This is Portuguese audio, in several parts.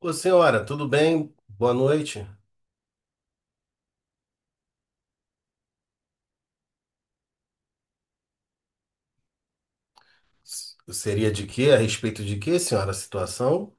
Ô, senhora, tudo bem? Boa noite. Seria de quê? A respeito de quê, senhora, a situação?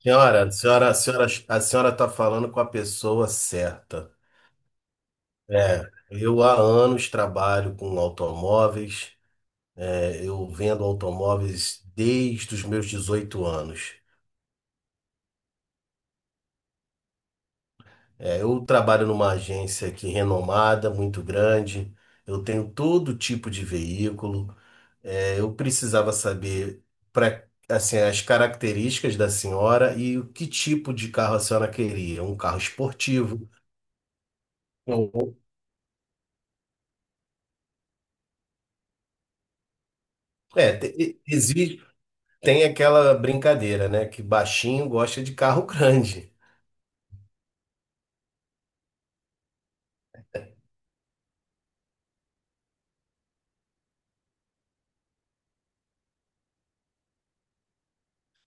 Senhora, a senhora está falando com a pessoa certa. É, eu há anos trabalho com automóveis, é, eu vendo automóveis desde os meus 18 anos. É, eu trabalho numa agência aqui renomada, muito grande, eu tenho todo tipo de veículo. É, eu precisava saber pra, assim, as características da senhora e o que tipo de carro a senhora queria. Um carro esportivo. Ou- É, existe, tem aquela brincadeira, né? Que baixinho gosta de carro grande.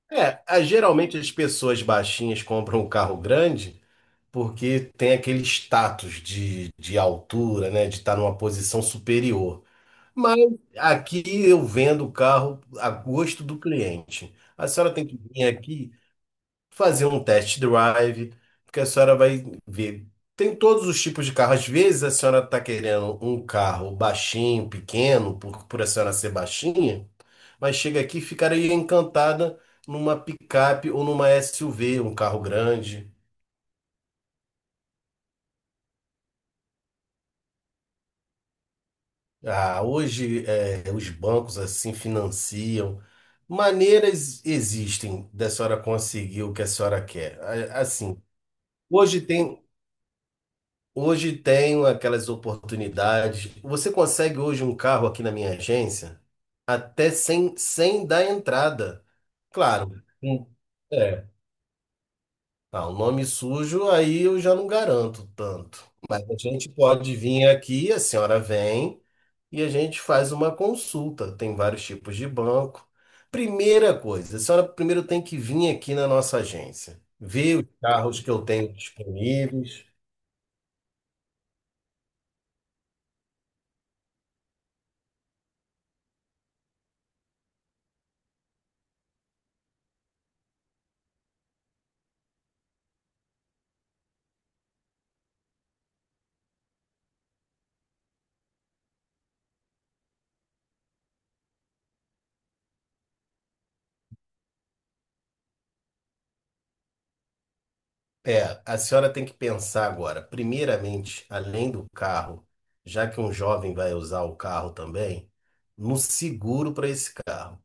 É, geralmente as pessoas baixinhas compram um carro grande, porque tem aquele status de altura, né? De estar numa posição superior. Mas aqui eu vendo o carro a gosto do cliente. A senhora tem que vir aqui fazer um test drive, porque a senhora vai ver. Tem todos os tipos de carro. Às vezes a senhora está querendo um carro baixinho, pequeno, por a senhora ser baixinha, mas chega aqui e ficaria encantada numa picape ou numa SUV, um carro grande. Ah, hoje os bancos assim financiam. Maneiras existem da senhora conseguir o que a senhora quer. Assim, hoje tem, hoje tem aquelas oportunidades. Você consegue hoje um carro aqui na minha agência até sem dar entrada. Claro, é, ah, o nome sujo aí eu já não garanto tanto. Mas a gente pode vir aqui, a senhora vem. E a gente faz uma consulta. Tem vários tipos de banco. Primeira coisa, a senhora primeiro tem que vir aqui na nossa agência, ver os carros que eu tenho disponíveis. É, a senhora tem que pensar agora, primeiramente, além do carro, já que um jovem vai usar o carro também, no seguro para esse carro.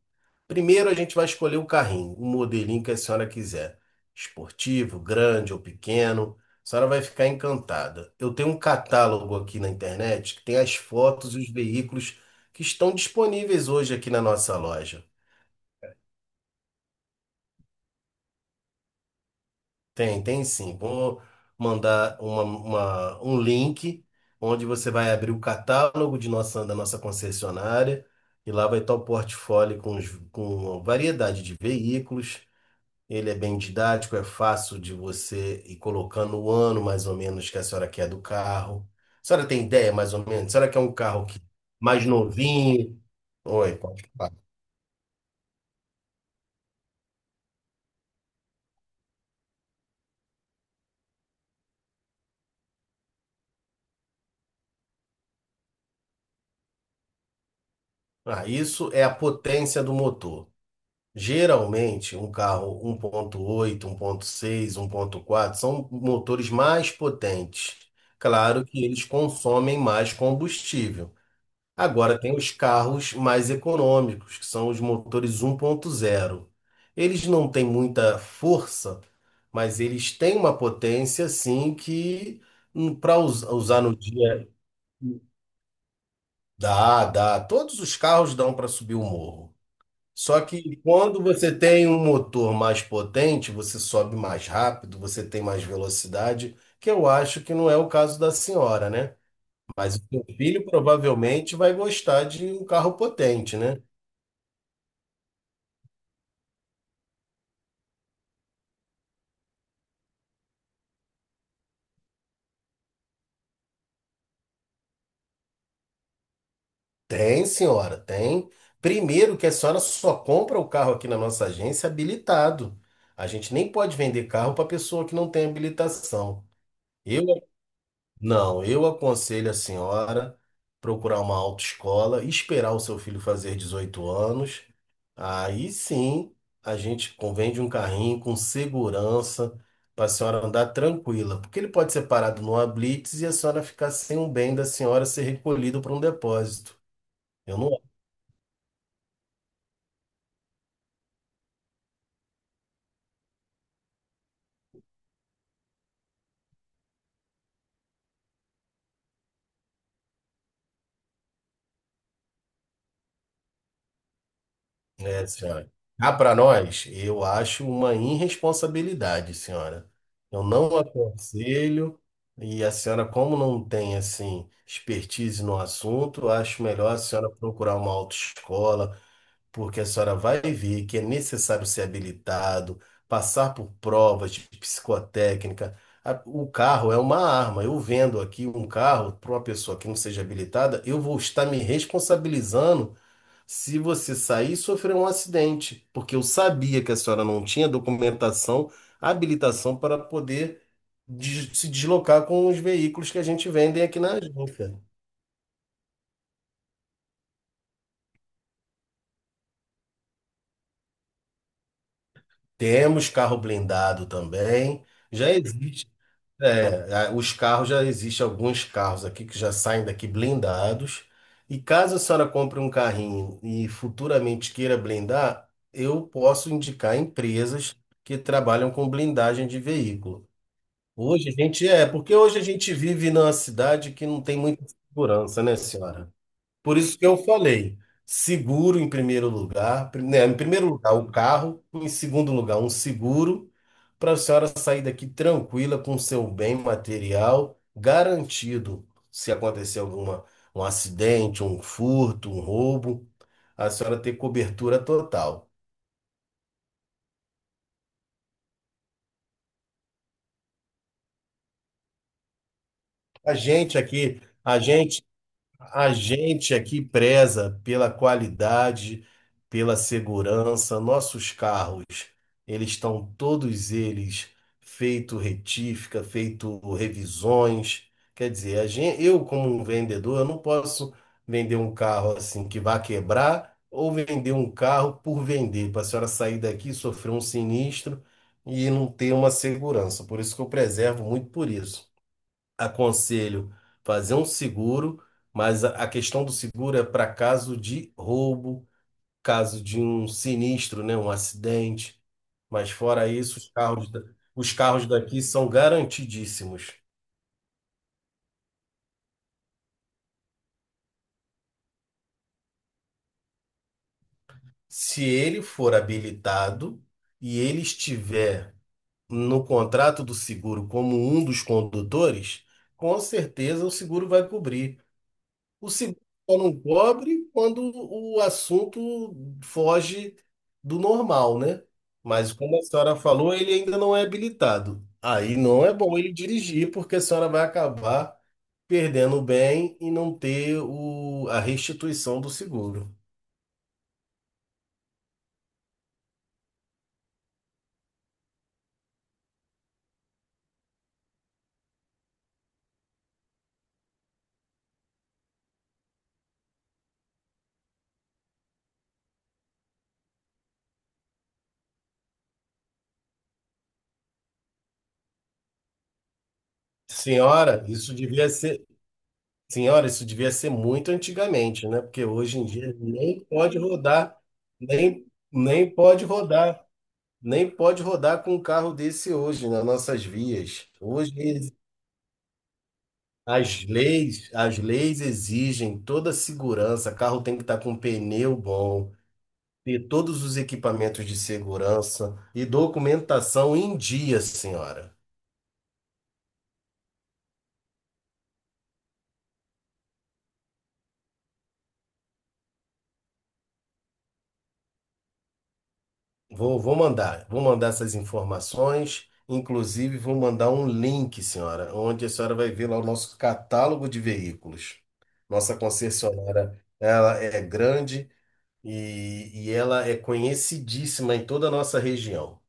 Primeiro a gente vai escolher o carrinho, o modelinho que a senhora quiser. Esportivo, grande ou pequeno. A senhora vai ficar encantada. Eu tenho um catálogo aqui na internet que tem as fotos e os veículos que estão disponíveis hoje aqui na nossa loja. Tem, tem sim. Vou mandar um link onde você vai abrir o catálogo de da nossa concessionária, e lá vai estar o portfólio com a variedade de veículos. Ele é bem didático, é fácil de você ir colocando o ano mais ou menos que a senhora quer do carro. A senhora tem ideia mais ou menos? A senhora quer um carro que mais novinho? Oi, pode falar. Ah, isso é a potência do motor. Geralmente, um carro 1.8, 1.6, 1.4 são motores mais potentes. Claro que eles consomem mais combustível. Agora tem os carros mais econômicos, que são os motores 1.0. Eles não têm muita força, mas eles têm uma potência assim que para usar no dia. Dá, dá. Todos os carros dão para subir o morro. Só que quando você tem um motor mais potente, você sobe mais rápido, você tem mais velocidade, que eu acho que não é o caso da senhora, né? Mas o seu filho provavelmente vai gostar de um carro potente, né? Tem, senhora, tem. Primeiro que a senhora só compra o carro aqui na nossa agência habilitado. A gente nem pode vender carro para pessoa que não tem habilitação. Eu não, eu aconselho a senhora procurar uma autoescola, esperar o seu filho fazer 18 anos. Aí sim, a gente convende um carrinho com segurança para a senhora andar tranquila, porque ele pode ser parado numa blitz e a senhora ficar sem um bem da senhora ser recolhido para um depósito. Eu não É, senhora. Cá para nós, eu acho uma irresponsabilidade, senhora. Eu não aconselho, e a senhora, como não tem, assim, expertise no assunto, eu acho melhor a senhora procurar uma autoescola, porque a senhora vai ver que é necessário ser habilitado, passar por provas de psicotécnica. O carro é uma arma. Eu vendo aqui um carro para uma pessoa que não seja habilitada, eu vou estar me responsabilizando se você sair, sofreu um acidente, porque eu sabia que a senhora não tinha documentação, habilitação para poder se deslocar com os veículos que a gente vende aqui na agência. Temos carro blindado também. Já existe, é, os carros, já existem alguns carros aqui que já saem daqui blindados. E caso a senhora compre um carrinho e futuramente queira blindar, eu posso indicar empresas que trabalham com blindagem de veículo. Hoje a gente é, porque hoje a gente vive numa cidade que não tem muita segurança, né, senhora? Por isso que eu falei, seguro em primeiro lugar, né, em primeiro lugar o carro, em segundo lugar um seguro, para a senhora sair daqui tranquila com seu bem material garantido. Se acontecer alguma um acidente, um furto, um roubo, a senhora ter cobertura total. A gente aqui, a gente A gente aqui preza pela qualidade, pela segurança. Nossos carros, eles estão todos eles feito retífica, feito revisões. Quer dizer, eu como um vendedor, eu não posso vender um carro assim que vai quebrar ou vender um carro por vender, para a senhora sair daqui, sofrer um sinistro e não ter uma segurança. Por isso que eu preservo muito por isso aconselho fazer um seguro, mas a questão do seguro é para caso de roubo, caso de um sinistro, né, um acidente. Mas fora isso, os carros, os carros daqui são garantidíssimos. Se ele for habilitado e ele estiver no contrato do seguro como um dos condutores, com certeza o seguro vai cobrir. O seguro só não cobre quando o assunto foge do normal, né? Mas como a senhora falou, ele ainda não é habilitado. Aí não é bom ele dirigir, porque a senhora vai acabar perdendo o bem e não ter a restituição do seguro. Senhora, isso devia ser, senhora, isso devia ser muito antigamente, né? Porque hoje em dia nem pode rodar, nem, nem pode rodar com um carro desse hoje nas nossas vias. As leis exigem toda a segurança. Carro tem que estar com pneu bom, ter todos os equipamentos de segurança e documentação em dia, senhora. Vou mandar essas informações. Inclusive, vou mandar um link, senhora, onde a senhora vai ver lá o nosso catálogo de veículos. Nossa concessionária, ela é grande. E ela é conhecidíssima em toda a nossa região.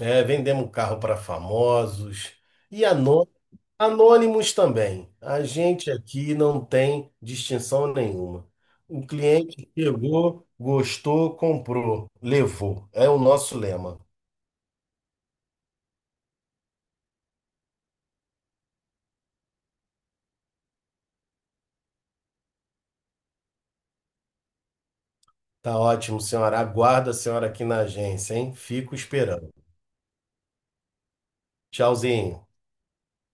É, vendemos carro para famosos e anônimos também. A gente aqui não tem distinção nenhuma. O cliente chegou, gostou, comprou, levou. É o nosso lema. Tá ótimo, senhora. Aguardo a senhora aqui na agência, hein? Fico esperando. Tchauzinho.